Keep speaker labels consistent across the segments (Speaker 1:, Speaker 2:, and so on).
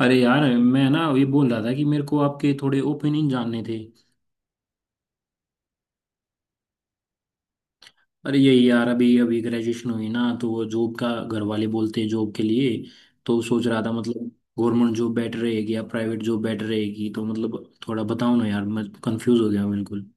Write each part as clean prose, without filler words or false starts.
Speaker 1: अरे यार मैं ना ये बोल रहा था कि मेरे को आपके थोड़े ओपिनियन जानने थे। अरे यही यार, अभी अभी ग्रेजुएशन हुई ना, तो वो जॉब का घर वाले बोलते हैं जॉब के लिए। तो सोच रहा था मतलब गवर्नमेंट जॉब बेटर रहेगी या प्राइवेट जॉब बेटर रहेगी, तो मतलब थोड़ा बताओ ना यार, मैं कंफ्यूज हो गया बिल्कुल।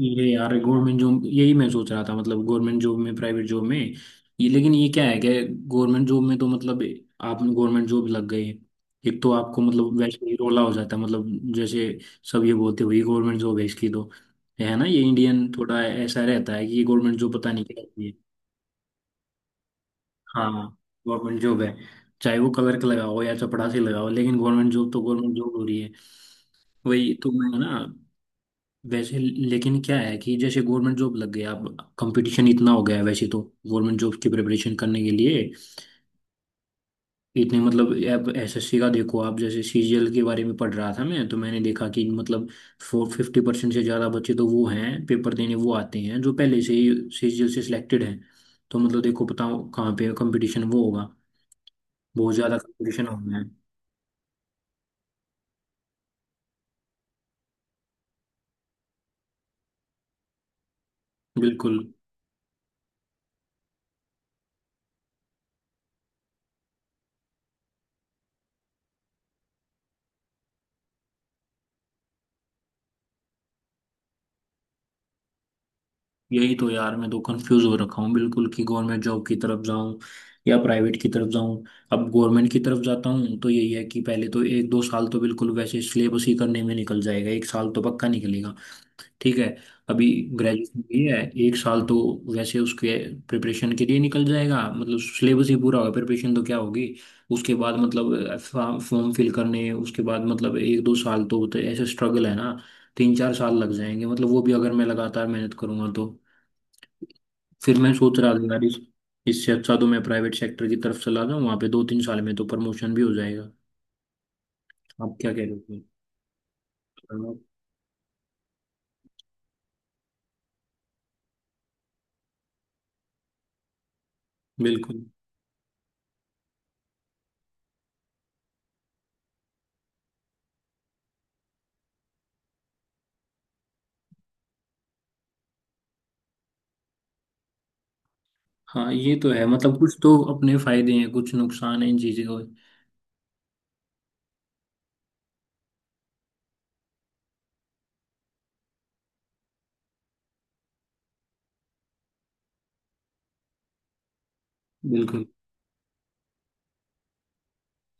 Speaker 1: ये यार गवर्नमेंट जॉब, यही मैं सोच रहा था मतलब गवर्नमेंट जॉब में प्राइवेट जॉब में। ये लेकिन ये क्या है कि गवर्नमेंट जॉब में तो मतलब आप गवर्नमेंट जॉब लग गए, एक तो आपको मतलब वैसे ही रोला हो जाता है मतलब। जैसे सब ये बोलते हुए गवर्नमेंट जॉब है इसकी तो, है ना, ये इंडियन थोड़ा ऐसा रहता है कि ये गवर्नमेंट जॉब पता नहीं क्या होती है। हाँ, गवर्नमेंट जॉब है, चाहे वो क्लर्क लगाओ या चपरासी लगाओ, लेकिन गवर्नमेंट जॉब तो गवर्नमेंट जॉब हो रही है। वही तो मैं ना, वैसे लेकिन क्या है कि जैसे गवर्नमेंट जॉब लग गया, अब कंपटीशन इतना हो गया है वैसे तो। गवर्नमेंट जॉब की प्रिपरेशन करने के लिए इतने मतलब, अब एसएससी का देखो आप, जैसे सीजीएल के बारे में पढ़ रहा था मैं, तो मैंने देखा कि मतलब 450% से ज़्यादा बच्चे तो वो हैं पेपर देने, वो आते हैं जो पहले से ही सीजीएल से सिलेक्टेड हैं। तो मतलब देखो बताओ कहाँ पे कंपटीशन वो होगा, बहुत ज़्यादा कंपटीशन होना है। बिल्कुल। यही तो यार, मैं तो कंफ्यूज हो रखा हूँ बिल्कुल कि गवर्नमेंट जॉब की तरफ जाऊँ या प्राइवेट की तरफ जाऊँ। अब गवर्नमेंट की तरफ जाता हूँ तो यही है कि पहले तो एक दो साल तो बिल्कुल वैसे सिलेबस ही करने में निकल जाएगा, एक साल तो पक्का निकलेगा। ठीक है, अभी ग्रेजुएशन भी है, एक साल तो वैसे उसके प्रिपरेशन के लिए निकल जाएगा, मतलब सिलेबस ही पूरा होगा, प्रिपरेशन तो क्या होगी। उसके बाद मतलब फॉर्म फिल करने, उसके बाद मतलब एक दो साल तो ऐसे स्ट्रगल है ना। तीन चार साल लग जाएंगे, मतलब वो भी अगर मैं लगातार मेहनत करूंगा तो। फिर मैं सोच रहा था यार, इस इससे अच्छा तो मैं प्राइवेट सेक्टर की तरफ चला जाऊँ, वहाँ पे दो तीन साल में तो प्रमोशन भी हो जाएगा। आप क्या कह रहे हो? बिल्कुल। हाँ ये तो है, मतलब कुछ तो अपने फायदे हैं कुछ नुकसान है इन चीज़ों के। बिल्कुल।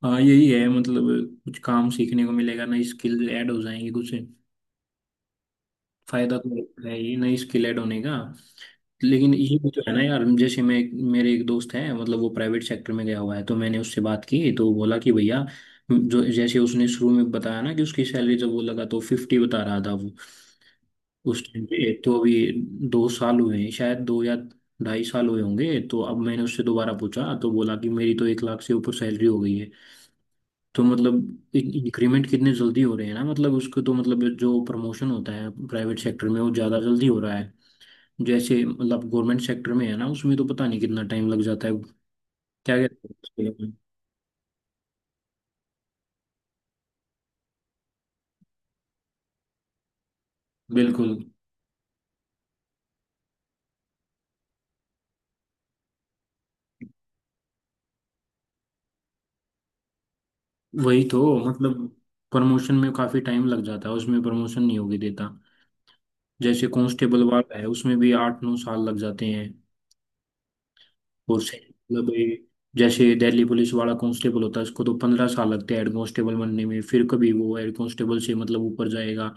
Speaker 1: हाँ यही है, मतलब कुछ काम सीखने को मिलेगा, नई स्किल ऐड हो जाएंगी, कुछ फायदा तो है ये नई स्किल ऐड होने का। लेकिन ये भी तो है ना यार, जैसे मैं, मेरे एक दोस्त है मतलब, वो प्राइवेट सेक्टर में गया हुआ है, तो मैंने उससे बात की तो बोला कि भैया, जो जैसे उसने शुरू में बताया ना कि उसकी सैलरी जब वो लगा तो 50 बता रहा था वो, उस टाइम पे। तो अभी दो साल हुए हैं शायद, दो या 2.5 साल हुए होंगे, तो अब मैंने उससे दोबारा पूछा तो बोला कि मेरी तो 1 लाख से ऊपर सैलरी हो गई है। तो मतलब इंक्रीमेंट कितने जल्दी हो रहे हैं ना, मतलब उसको तो मतलब जो प्रमोशन होता है प्राइवेट सेक्टर में वो ज़्यादा जल्दी हो रहा है। जैसे मतलब गवर्नमेंट सेक्टर में है ना, उसमें तो पता नहीं कितना टाइम लग जाता है। क्या कहते हैं उसके लिए? बिल्कुल। वही तो मतलब प्रमोशन में काफी टाइम लग जाता है, उसमें प्रमोशन नहीं होगी देता। जैसे कांस्टेबल वाला है उसमें भी 8-9 साल लग जाते हैं। और से- मतलब ये, जैसे दिल्ली पुलिस वाला कांस्टेबल होता है उसको तो 15 साल लगते हैं हेड कांस्टेबल बनने में, फिर कभी वो हेड कांस्टेबल से मतलब ऊपर जाएगा।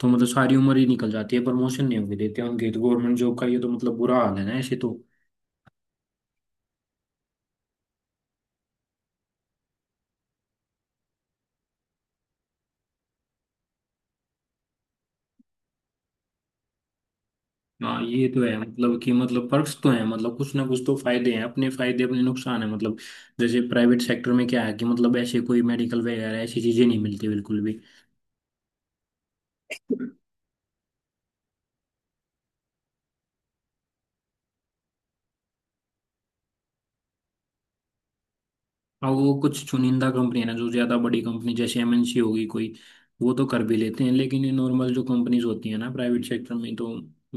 Speaker 1: तो मतलब सारी उम्र ही निकल जाती है, प्रमोशन नहीं होगी देते उनके, तो गवर्नमेंट जॉब का ये तो मतलब बुरा हाल है ना ऐसे तो। हाँ ये तो है, मतलब कि मतलब पर्क्स तो हैं, मतलब कुछ ना कुछ तो फायदे हैं, अपने फायदे अपने नुकसान है मतलब। जैसे प्राइवेट सेक्टर में क्या है कि मतलब ऐसे कोई मेडिकल वगैरह ऐसी चीजें नहीं मिलती बिल्कुल भी। और वो कुछ चुनिंदा कंपनी है ना, जो ज्यादा बड़ी कंपनी, जैसे एमएनसी होगी कोई, वो तो कर भी लेते हैं, लेकिन ये नॉर्मल जो कंपनीज होती है ना प्राइवेट सेक्टर में, तो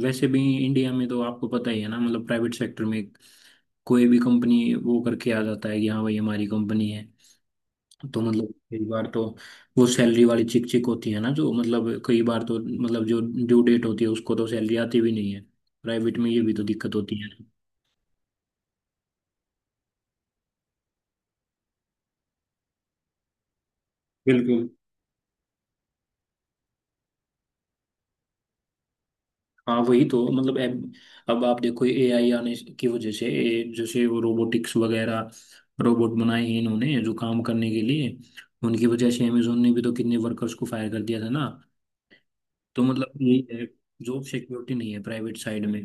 Speaker 1: वैसे भी इंडिया में तो आपको पता ही है ना, मतलब प्राइवेट सेक्टर में कोई भी कंपनी वो करके आ जाता है कि हाँ भाई हमारी कंपनी है। तो मतलब कई बार तो वो सैलरी वाली चिक चिक होती है ना, जो मतलब कई बार तो मतलब जो ड्यू डेट होती है उसको तो सैलरी आती भी नहीं है, प्राइवेट में ये भी तो दिक्कत होती है। बिल्कुल। हाँ वही तो मतलब, अब आप देखो एआई आने की वजह से जैसे वो रोबोटिक्स वगैरह रोबोट बनाए हैं इन्होंने जो काम करने के लिए, उनकी वजह से अमेजोन ने भी तो कितने वर्कर्स को फायर कर दिया था ना। तो मतलब ये जॉब सिक्योरिटी नहीं है प्राइवेट साइड में।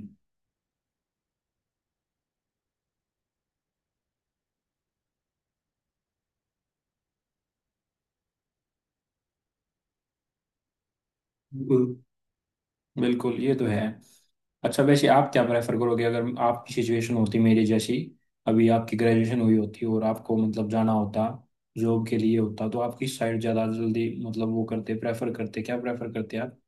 Speaker 1: बिल्कुल, बिल्कुल, ये तो है। अच्छा वैसे आप क्या प्रेफर करोगे अगर आपकी सिचुएशन होती मेरी जैसी, अभी आपकी ग्रेजुएशन हुई होती और आपको मतलब जाना होता जॉब के लिए होता, तो आप किस साइड ज़्यादा जल्दी मतलब वो करते प्रेफर करते क्या प्रेफर करते आप?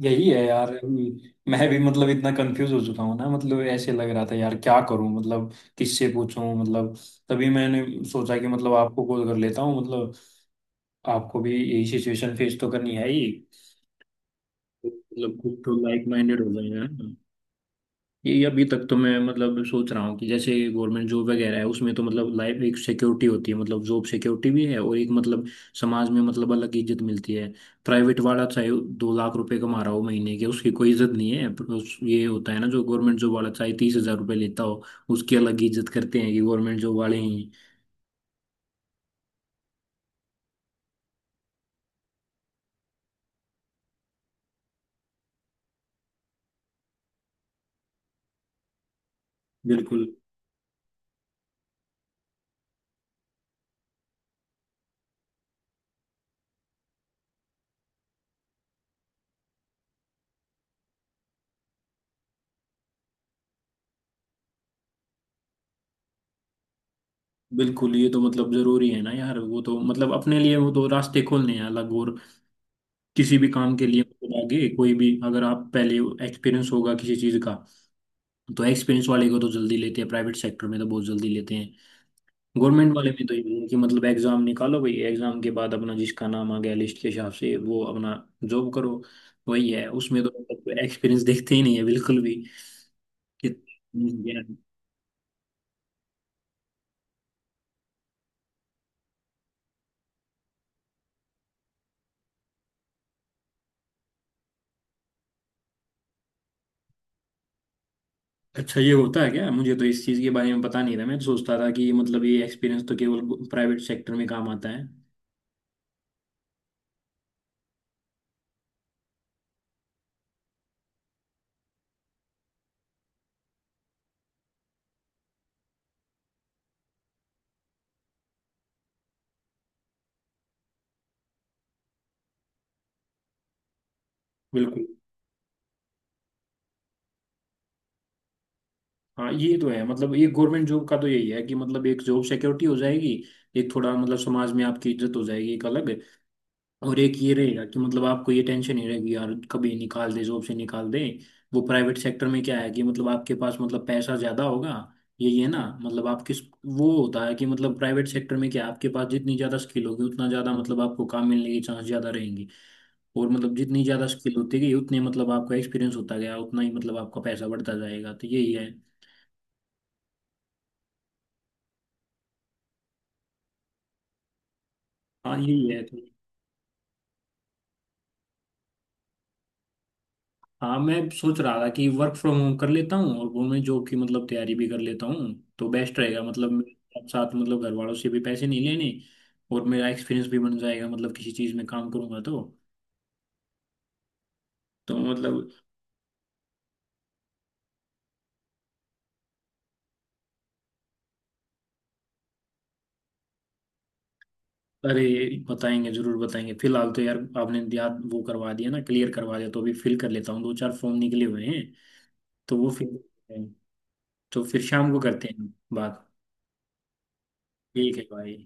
Speaker 1: यही है यार, अभी मैं भी मतलब इतना कंफ्यूज हो चुका हूँ ना, मतलब ऐसे लग रहा था यार क्या करूँ मतलब, किससे पूछूं मतलब। तभी मैंने सोचा कि मतलब आपको कॉल कर लेता हूँ मतलब, आपको भी यही सिचुएशन फेस तो करनी है ही, मतलब खुद तो लाइक माइंडेड हो गए हैं। ये अभी तक तो मैं मतलब सोच रहा हूँ कि जैसे गवर्नमेंट जॉब वगैरह है उसमें तो मतलब लाइफ एक सिक्योरिटी होती है, मतलब जॉब सिक्योरिटी भी है, और एक मतलब समाज में मतलब अलग इज्जत मिलती है। प्राइवेट वाला चाहे 2 लाख रुपए कमा रहा हो महीने के उसकी कोई इज्जत नहीं है, पर उस ये होता है ना, जो गवर्नमेंट जॉब वाला चाहे 30 हजार रुपये लेता हो उसकी अलग इज्जत करते हैं कि गवर्नमेंट जॉब वाले ही। बिल्कुल। बिल्कुल, ये तो मतलब जरूरी है ना यार, वो तो मतलब अपने लिए वो तो रास्ते खोलने हैं अलग, और किसी भी काम के लिए मतलब आगे कोई भी, अगर आप पहले एक्सपीरियंस होगा किसी चीज का, तो एक्सपीरियंस वाले को तो जल्दी लेते हैं, प्राइवेट सेक्टर में तो बहुत जल्दी लेते हैं। गवर्नमेंट वाले में तो इनकी मतलब एग्जाम निकालो भाई, एग्जाम के बाद अपना जिसका नाम आ गया लिस्ट के हिसाब से वो अपना जॉब करो, वही है उसमें तो। एक्सपीरियंस देखते ही नहीं है बिल्कुल भी। कि अच्छा ये होता है क्या, मुझे तो इस चीज़ के बारे में पता नहीं था, मैं तो सोचता था कि मतलब ये एक्सपीरियंस तो केवल प्राइवेट सेक्टर में काम आता है। बिल्कुल। हाँ ये तो है, मतलब ये गवर्नमेंट जॉब का तो यही है कि मतलब एक जॉब सिक्योरिटी हो जाएगी, एक थोड़ा मतलब समाज में आपकी इज्जत हो जाएगी एक अलग, और एक ये रहेगा कि मतलब आपको ये टेंशन नहीं रहेगी यार, कभी निकाल दे, जॉब से निकाल दे। वो प्राइवेट सेक्टर में क्या है कि मतलब आपके पास मतलब पैसा ज्यादा होगा, ये ना मतलब आप किस, वो होता है कि मतलब प्राइवेट सेक्टर में क्या है, आपके पास जितनी ज्यादा स्किल होगी उतना ज्यादा मतलब आपको काम मिलने के चांस ज्यादा रहेंगे। और मतलब जितनी ज्यादा स्किल होती गई उतने मतलब आपका एक्सपीरियंस होता गया उतना ही मतलब आपका पैसा बढ़ता जाएगा, तो यही है। हाँ यही है। हाँ मैं सोच रहा था कि वर्क फ्रॉम होम कर लेता हूँ और गवर्नमेंट जॉब की मतलब तैयारी भी कर लेता हूँ, तो बेस्ट रहेगा मतलब मेरे साथ, मतलब घर वालों से भी पैसे नहीं लेने और मेरा एक्सपीरियंस भी बन जाएगा मतलब किसी चीज़ में काम करूँगा तो मतलब। अरे बताएंगे, ज़रूर बताएंगे, फिलहाल तो यार आपने याद वो करवा दिया ना, क्लियर करवा दिया, तो अभी फिल कर लेता हूँ, दो चार फॉर्म निकले हुए हैं तो वो फिल, तो फिर शाम को करते हैं बात। ठीक है भाई।